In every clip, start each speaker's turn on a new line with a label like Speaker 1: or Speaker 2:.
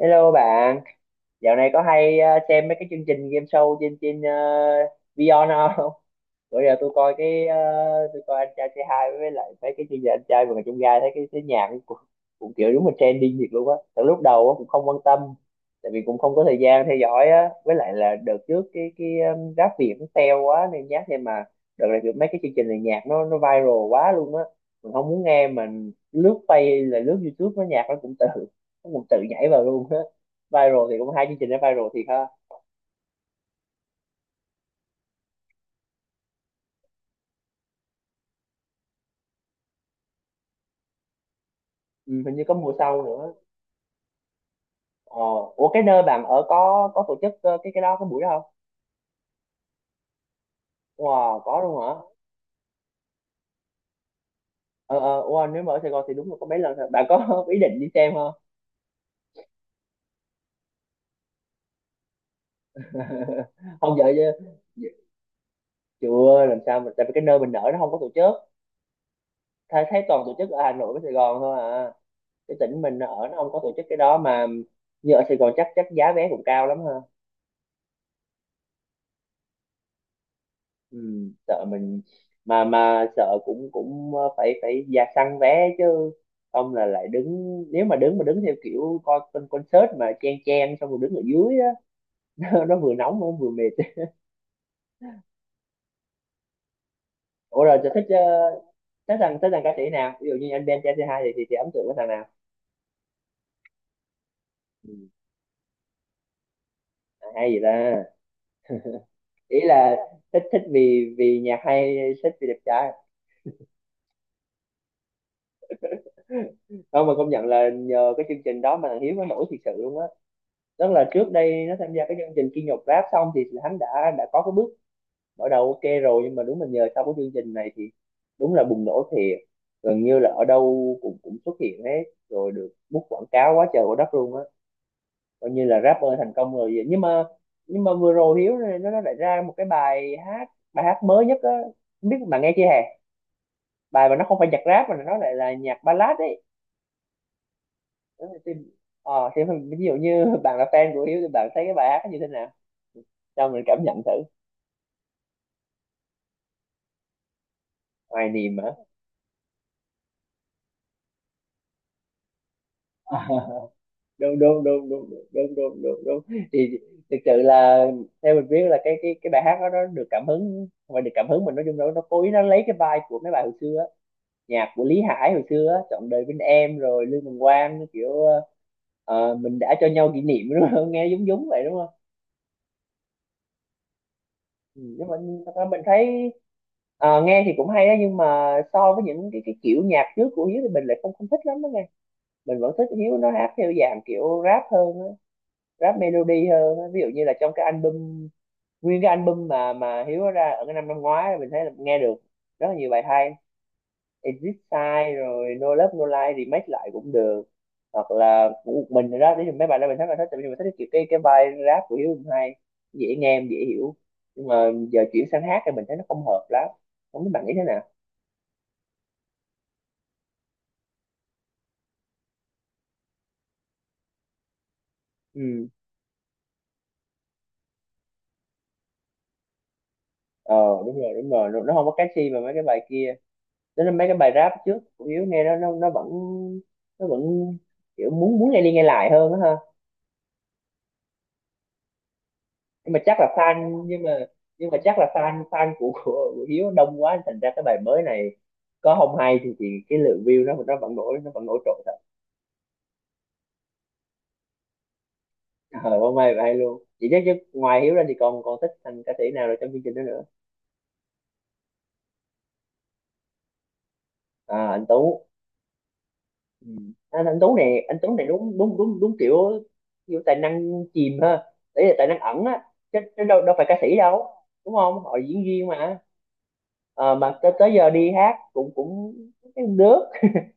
Speaker 1: Hello bạn, dạo này có hay xem mấy cái chương trình game show trên trên Vion không? Bữa giờ tôi coi anh trai c hai với lại mấy cái chương trình anh trai vượt ngàn chông gai, thấy cái nhạc cũng kiểu đúng là trending thiệt luôn á. Từ lúc đầu á cũng không quan tâm, tại vì cũng không có thời gian theo dõi á. Với lại là đợt trước cái rap Việt nó teo quá nên nhát, nhưng mà đợt này kiểu mấy cái chương trình này nhạc nó viral quá luôn á. Mình không muốn nghe, mình lướt play, là lướt YouTube nó nhạc nó cũng tự nhảy vào luôn. Viral thì cũng hai chương trình đó viral thiệt ha. Ừ, hình như có mùa sau nữa. Ờ, ủa cái nơi bạn ở có tổ chức cái buổi đó không? Wow, có luôn hả? Ờ wow, nếu mà ở Sài Gòn thì đúng là có mấy lần thôi. Bạn có ý định đi xem không? Không vậy chứ, chưa làm sao mà, tại vì cái nơi mình ở nó không có tổ chức. Thấy thấy toàn tổ chức ở Hà Nội với Sài Gòn thôi à, cái tỉnh mình ở nó không có tổ chức cái đó mà. Như ở Sài Gòn chắc chắc giá vé cũng cao lắm ha. Ừ, sợ mình mà sợ cũng cũng ờ, phải phải ra săn vé chứ, không là lại đứng, nếu mà đứng theo kiểu coi con concert mà chen chen xong rồi đứng ở dưới á, nó vừa nóng nó vừa mệt. Ủa rồi chị thích uh, thích thằng ca sĩ nào, ví dụ như anh Ben TC2 thì ấn tượng với thằng nào? Ừ. À, hay gì ta? Ý là thích, thích vì vì nhạc hay thích vì đẹp trai? Không mà công nhận là nhờ cái chương trình đó mà thằng Hiếu nó nổi thiệt sự luôn á. Tức là trước đây nó tham gia cái chương trình Kim Nhật Rap xong thì hắn đã có cái bước mở đầu ok rồi, nhưng mà đúng là nhờ sau cái chương trình này thì đúng là bùng nổ thiệt. Gần như là ở đâu cũng cũng xuất hiện hết, rồi được bút quảng cáo quá trời quá đất luôn á, coi như là rapper thành công rồi vậy. Nhưng mà nhưng mà vừa rồi Hiếu này nó lại ra một cái bài hát, bài hát mới nhất á, không biết bạn nghe chưa hè? Bài mà nó không phải nhạc rap mà nó lại là nhạc ballad ấy. Đó là ờ thì ví dụ như bạn là fan của Hiếu thì bạn thấy cái bài hát nó như thế nào, cho mình cảm nhận thử. Hoài niềm hả? Đúng đúng đúng đúng đúng đúng đúng đúng. Thì thực sự là theo mình biết là cái bài hát đó nó được cảm hứng, và được cảm hứng mình nói chung nó cố ý nó lấy cái vibe của mấy bài hồi xưa á. Nhạc của Lý Hải hồi xưa á, trọn đời bên em, rồi Lương Bằng Quang kiểu mình đã cho nhau kỷ niệm đúng không, nghe giống giống vậy đúng không? Ừ, nhưng mà thật ra mình thấy nghe thì cũng hay đó, nhưng mà so với những cái kiểu nhạc trước của Hiếu thì mình lại không không thích lắm đó nghe. Mình vẫn thích Hiếu nó hát theo dạng kiểu rap hơn á, rap melody hơn á. Ví dụ như là trong cái album, nguyên cái album mà Hiếu có ra ở cái năm năm ngoái, mình thấy là nghe được rất là nhiều bài hay. Exit Sign rồi No Love No Lie remake lại cũng được, hoặc là của một mình rồi đó, nếu mấy bài đó mình thấy là thích, tại vì mình thích cái kiểu cái vai rap của Hiếu cũng hay, dễ nghe em dễ hiểu. Nhưng mà giờ chuyển sang hát thì mình thấy nó không hợp lắm, không biết bạn nghĩ thế nào. Ừ, ờ, đúng rồi đúng rồi, nó không có catchy mà mấy cái bài kia, nên là mấy cái bài rap trước của Hiếu nghe nó vẫn, nó vẫn kiểu muốn muốn nghe đi nghe lại hơn á ha. Nhưng mà chắc là fan, nhưng mà chắc là fan, fan của Hiếu đông quá thành ra cái bài mới này có không hay thì cái lượng view nó vẫn nổi, nó vẫn nổi trội thật. Ờ, không hay vậy hay luôn chị chắc chứ. Ngoài Hiếu ra thì còn còn thích thành ca sĩ nào rồi trong chương trình đó nữa? À, anh Tú. Ừ. Anh Tuấn này, anh Tuấn này, đúng đúng đúng đúng, kiểu kiểu tài năng chìm ha, đấy là tài năng ẩn á, chứ đâu đâu phải ca sĩ đâu, đúng không, họ là diễn viên mà. Ờ, mà tới giờ đi hát cũng cũng thấy cũng được,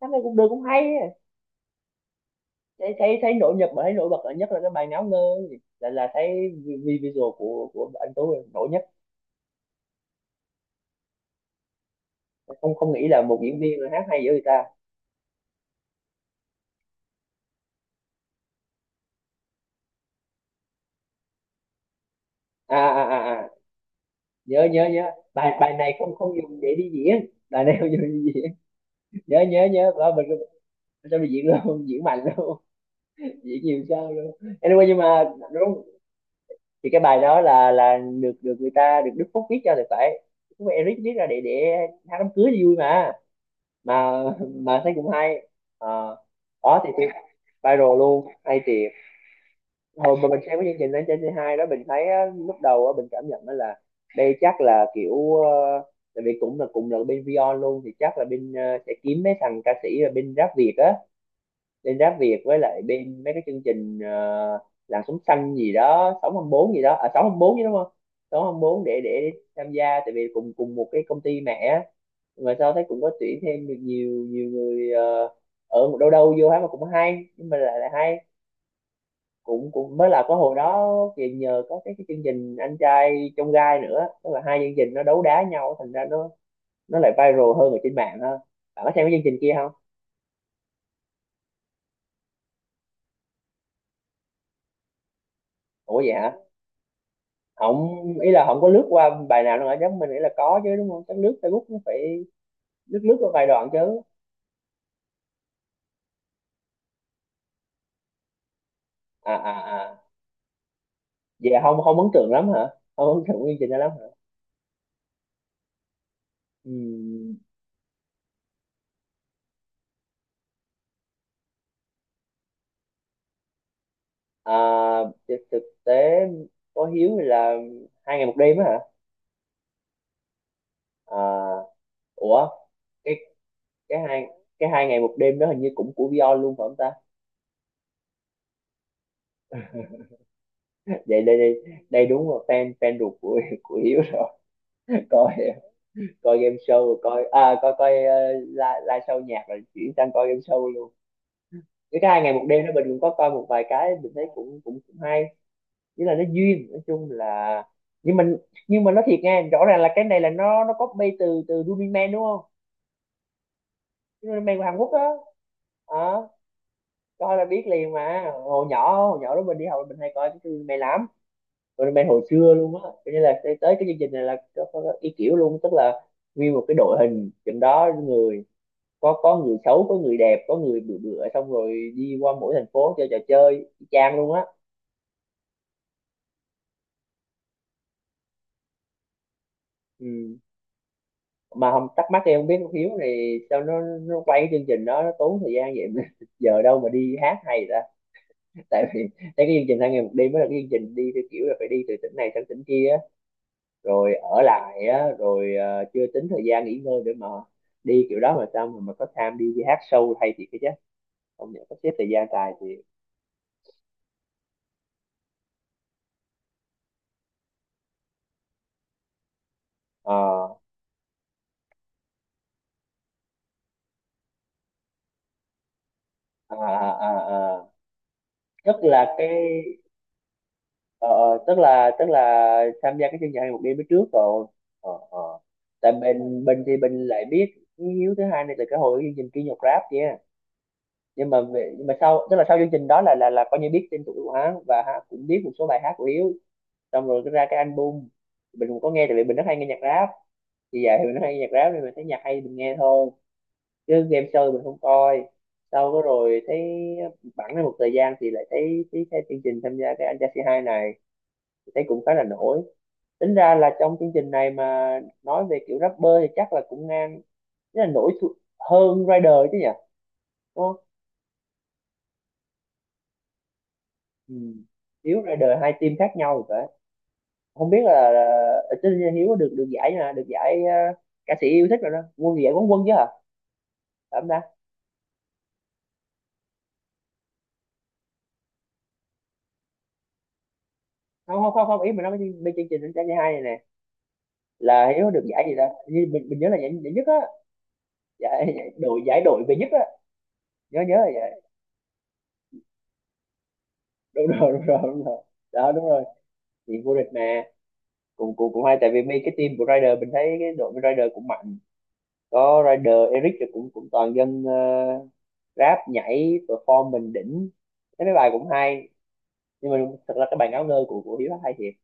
Speaker 1: hát này cũng được cũng hay á. Thấy thấy thấy nổi bật nhất là cái bài Ngáo Ngơ, là thấy visual của anh Tuấn là nổi nhất, không không nghĩ là một diễn viên mà hát hay dữ người ta. À. Nhớ nhớ nhớ bài bài này, không không dùng để đi diễn, bài này không dùng để đi diễn. Nhớ nhớ nhớ, và mình cho mày diễn luôn, diễn mạnh luôn, diễn nhiều sao luôn. Anyway nhưng mà đúng thì cái bài đó là được được người ta được Đức Phúc viết cho thì phải, Đức Phúc Eric viết ra để hát đám cưới thì vui mà mà thấy cũng hay. Ờ, đó thì viral luôn hay thiệt. Hồi mà mình xem cái chương trình lên trên c hai đó, mình thấy á, lúc đầu á, mình cảm nhận đó là đây chắc là kiểu tại vì cũng là cùng là bên Vion luôn thì chắc là bên sẽ kiếm mấy thằng ca sĩ là bên rap Việt á, lên rap Việt với lại bên mấy cái chương trình làng sống xanh gì đó, sống năm bốn gì đó, à sống năm bốn chứ đúng không, sống năm bốn để tham gia tại vì cùng cùng một cái công ty mẹ á. Mà sao thấy cũng có tuyển thêm được nhiều nhiều người ở một đâu đâu vô hát mà cũng hay, nhưng mà lại là hay cũng cũng mới là có hồi đó, thì nhờ có cái chương trình anh trai trong gai nữa, tức là hai chương trình nó đấu đá nhau thành ra nó lại viral hơn ở trên mạng ha. Bạn có xem cái chương trình kia không? Ủa vậy hả? Không, ý là không có lướt qua bài nào đâu hả, chắc mình nghĩ là có chứ đúng không, chắc lướt Facebook cũng phải lướt lướt qua vài đoạn chứ. À à à, vậy không không ấn tượng lắm hả, không ấn tượng chương trình đó lắm hả. Ừm, à, thực thực tế có hiếu thì là hai ngày một đêm á hả? À, ủa cái cái hai cái hai ngày một đêm đó hình như cũng của Vion luôn phải không ta? Vậy đây đây đây đúng là fan fan ruột của Hiếu rồi. coi coi game show rồi coi à coi coi live live show nhạc rồi chuyển sang coi game show luôn. Những cái hai ngày một đêm đó mình cũng có coi một vài cái, mình thấy cũng cũng cũng hay, nghĩa là nó duyên, nói chung là. Nhưng mình, nhưng mà nói thiệt nha, rõ ràng là cái này là nó copy từ từ Running Man đúng không? Running Man của Hàn Quốc đó, đó coi là biết liền mà. Hồi nhỏ đó mình đi học mình hay coi cái Running Man lắm, Running Man hồi xưa luôn á, cho nên là tới cái chương trình này là có ý kiểu luôn. Tức là nguyên một cái đội hình trên đó người, có người xấu có người đẹp có người bự bựa, xong rồi đi qua mỗi thành phố chơi trò chơi y chang luôn á. Ừ. Mà không thắc mắc, em không biết con Hiếu này sao nó quay cái chương trình đó nó tốn thời gian vậy giờ đâu mà đi hát hay ta. Tại vì thấy cái chương trình hai ngày một đêm mới là cái chương trình đi theo kiểu là phải đi từ tỉnh này sang tỉnh kia á, rồi ở lại á rồi chưa tính thời gian nghỉ ngơi để mà đi kiểu đó, mà sao mà có time đi, đi hát show hay thì cái chứ không nhận, sắp xếp thời gian tài thì ờ, à, à, à, à. Rất là cái ờ, tức là tham gia cái chương trình hai một đêm mới trước rồi, ờ ờ. Tại bên bên thì bên lại biết với Hiếu thứ hai này là cái hồi cái chương trình kia, nhạc rap kia. Nhưng mà sau, tức là sau chương trình đó là coi như biết tên tuổi của hắn và hắn cũng biết một số bài hát của Hiếu. Xong rồi cái ra cái album, mình cũng có nghe tại vì mình rất hay nghe nhạc rap. Thì vậy thì mình rất hay nghe nhạc rap nên mình thấy nhạc hay mình nghe thôi, chứ game show mình không coi. Sau đó rồi thấy bẵng ra một thời gian thì lại thấy thấy, thấy chương trình tham gia cái anh trai C2 này, thấy cũng khá là nổi. Tính ra là trong chương trình này mà nói về kiểu rapper thì chắc là cũng ngang, rất là nổi, hơn Rider chứ nhỉ? Đúng không? Ừ. Hiếu Rider hai team khác nhau rồi phải? Không biết là tất nhiên Hiếu có được được giải nè, được giải ờ, ca sĩ yêu thích rồi đó, quân giải quán quân chứ hả? Phải không ta? Không không không không, ý mình nói bên, bên chương trình đánh giá giải hai này nè, là Hiếu được giải gì đó. Như mình nhớ là giải nhất á. Giải đội về nhất á. Nhớ nhớ là giải. Đúng rồi đúng rồi đúng rồi. Đó đúng rồi. Thì vô địch mà. Cũng cũng cũng hay tại vì mấy cái team của Rider, mình thấy cái đội Rider cũng mạnh, có Rider Eric rồi cũng cũng toàn dân ờ, rap nhảy performance đỉnh, thấy mấy bài cũng hay. Nhưng mà thật ra cái bài ngáo ngơ của Hiếu hay thiệt,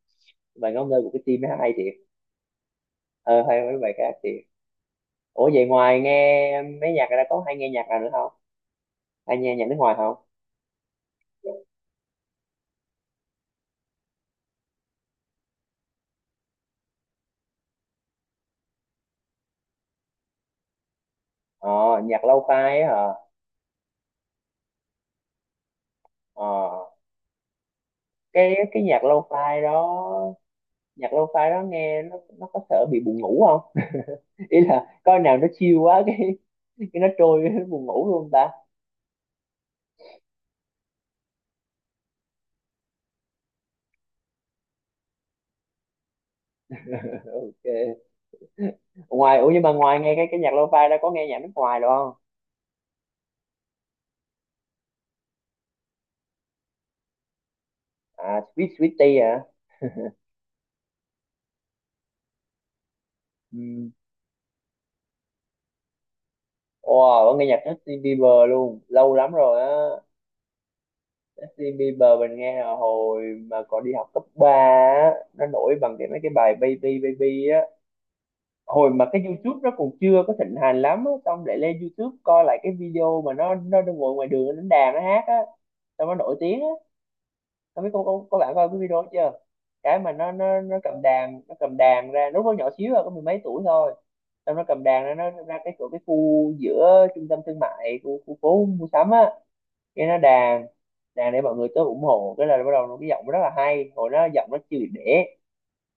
Speaker 1: bài ngáo ngơ của cái team nó hay thiệt. Ờ hay mấy bài khác thiệt. Ủa vậy ngoài nghe mấy nhạc ra có hay nghe nhạc nào nữa không? Hay nghe nhạc nước ngoài không? Ờ. Nhạc lo-fi á hả? Ờ. Cái nhạc lo-fi đó. Nhạc lo-fi đó nghe nó có sợ bị buồn ngủ không? Ý là coi nào nó chill quá, cái nó trôi nó buồn ngủ luôn ta. Ok. Ngoài ủa nhưng mà ngoài nghe cái nhạc lo-fi đó có nghe nhạc nước ngoài được không? À Sweet Sweetie à. Ừ. Wow có nghe nhạc Justin Bieber luôn, lâu lắm rồi á. Justin Bieber mình nghe là hồi mà còn đi học cấp ba á, nó nổi bằng cái mấy cái bài Baby Baby á. Hồi mà cái YouTube nó còn chưa có thịnh hành lắm á, xong lại lên YouTube coi lại cái video mà nó đang ngồi ngoài đường nó đánh đàn nó hát á, xong nó nổi tiếng á. Có biết, có bạn coi cái video chưa? Cái mà nó cầm đàn, nó cầm đàn ra lúc nó nhỏ xíu à, có mười mấy tuổi thôi. Xong nó cầm đàn ra, nó ra cái chỗ cái khu giữa trung tâm thương mại, khu phố mua sắm á, cái nó đàn, đàn để mọi người tới ủng hộ. Cái là bắt đầu nó cái giọng nó rất là hay, hồi đó giọng nó chưa bị bể,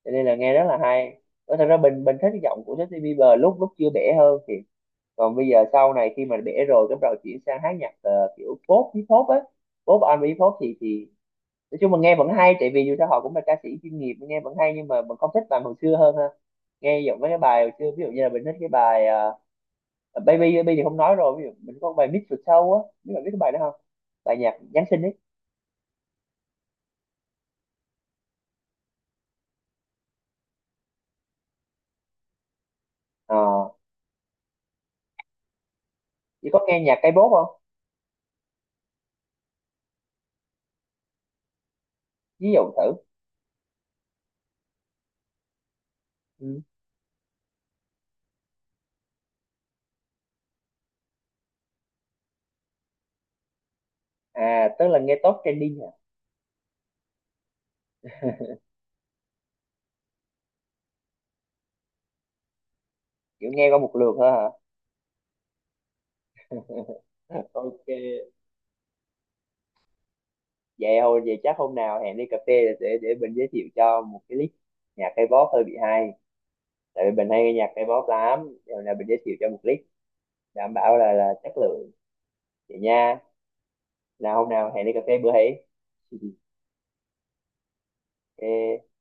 Speaker 1: cho nên là nghe rất là hay. Nói thật ra bình bình thích cái giọng của Justin Bieber lúc lúc chưa bể hơn thì còn bây giờ sau này khi mà bể rồi, cái bắt đầu chuyển sang hát nhạc kiểu pop hip hop á, pop R&B pop thì nói chung mình nghe vẫn hay tại vì dù sao họ cũng là ca sĩ chuyên nghiệp, nghe vẫn hay, nhưng mà mình không thích bài hồi xưa hơn ha. Nghe giọng mấy cái bài hồi xưa ví dụ như là mình thích cái bài Baby Baby thì không nói rồi, ví dụ mình có bài Mix the Show á, biết, bạn biết cái bài đó không? Bài nhạc Giáng sinh ấy. Ờ chỉ có nghe nhạc K-pop không? Ví dụ thử. Ừ. À tức là nghe top trending hả? Kiểu nghe qua một lượt thôi hả? Ok. Vậy hồi vậy chắc hôm nào hẹn đi cà phê để để mình giới thiệu cho một cái list nhạc K-pop hơi bị hay. Tại vì mình hay nghe nhạc K-pop lắm rồi là mình giới thiệu cho một list, đảm bảo là chất lượng. Vậy nha. Nào hôm nào hẹn đi cà phê bữa ấy. Ok.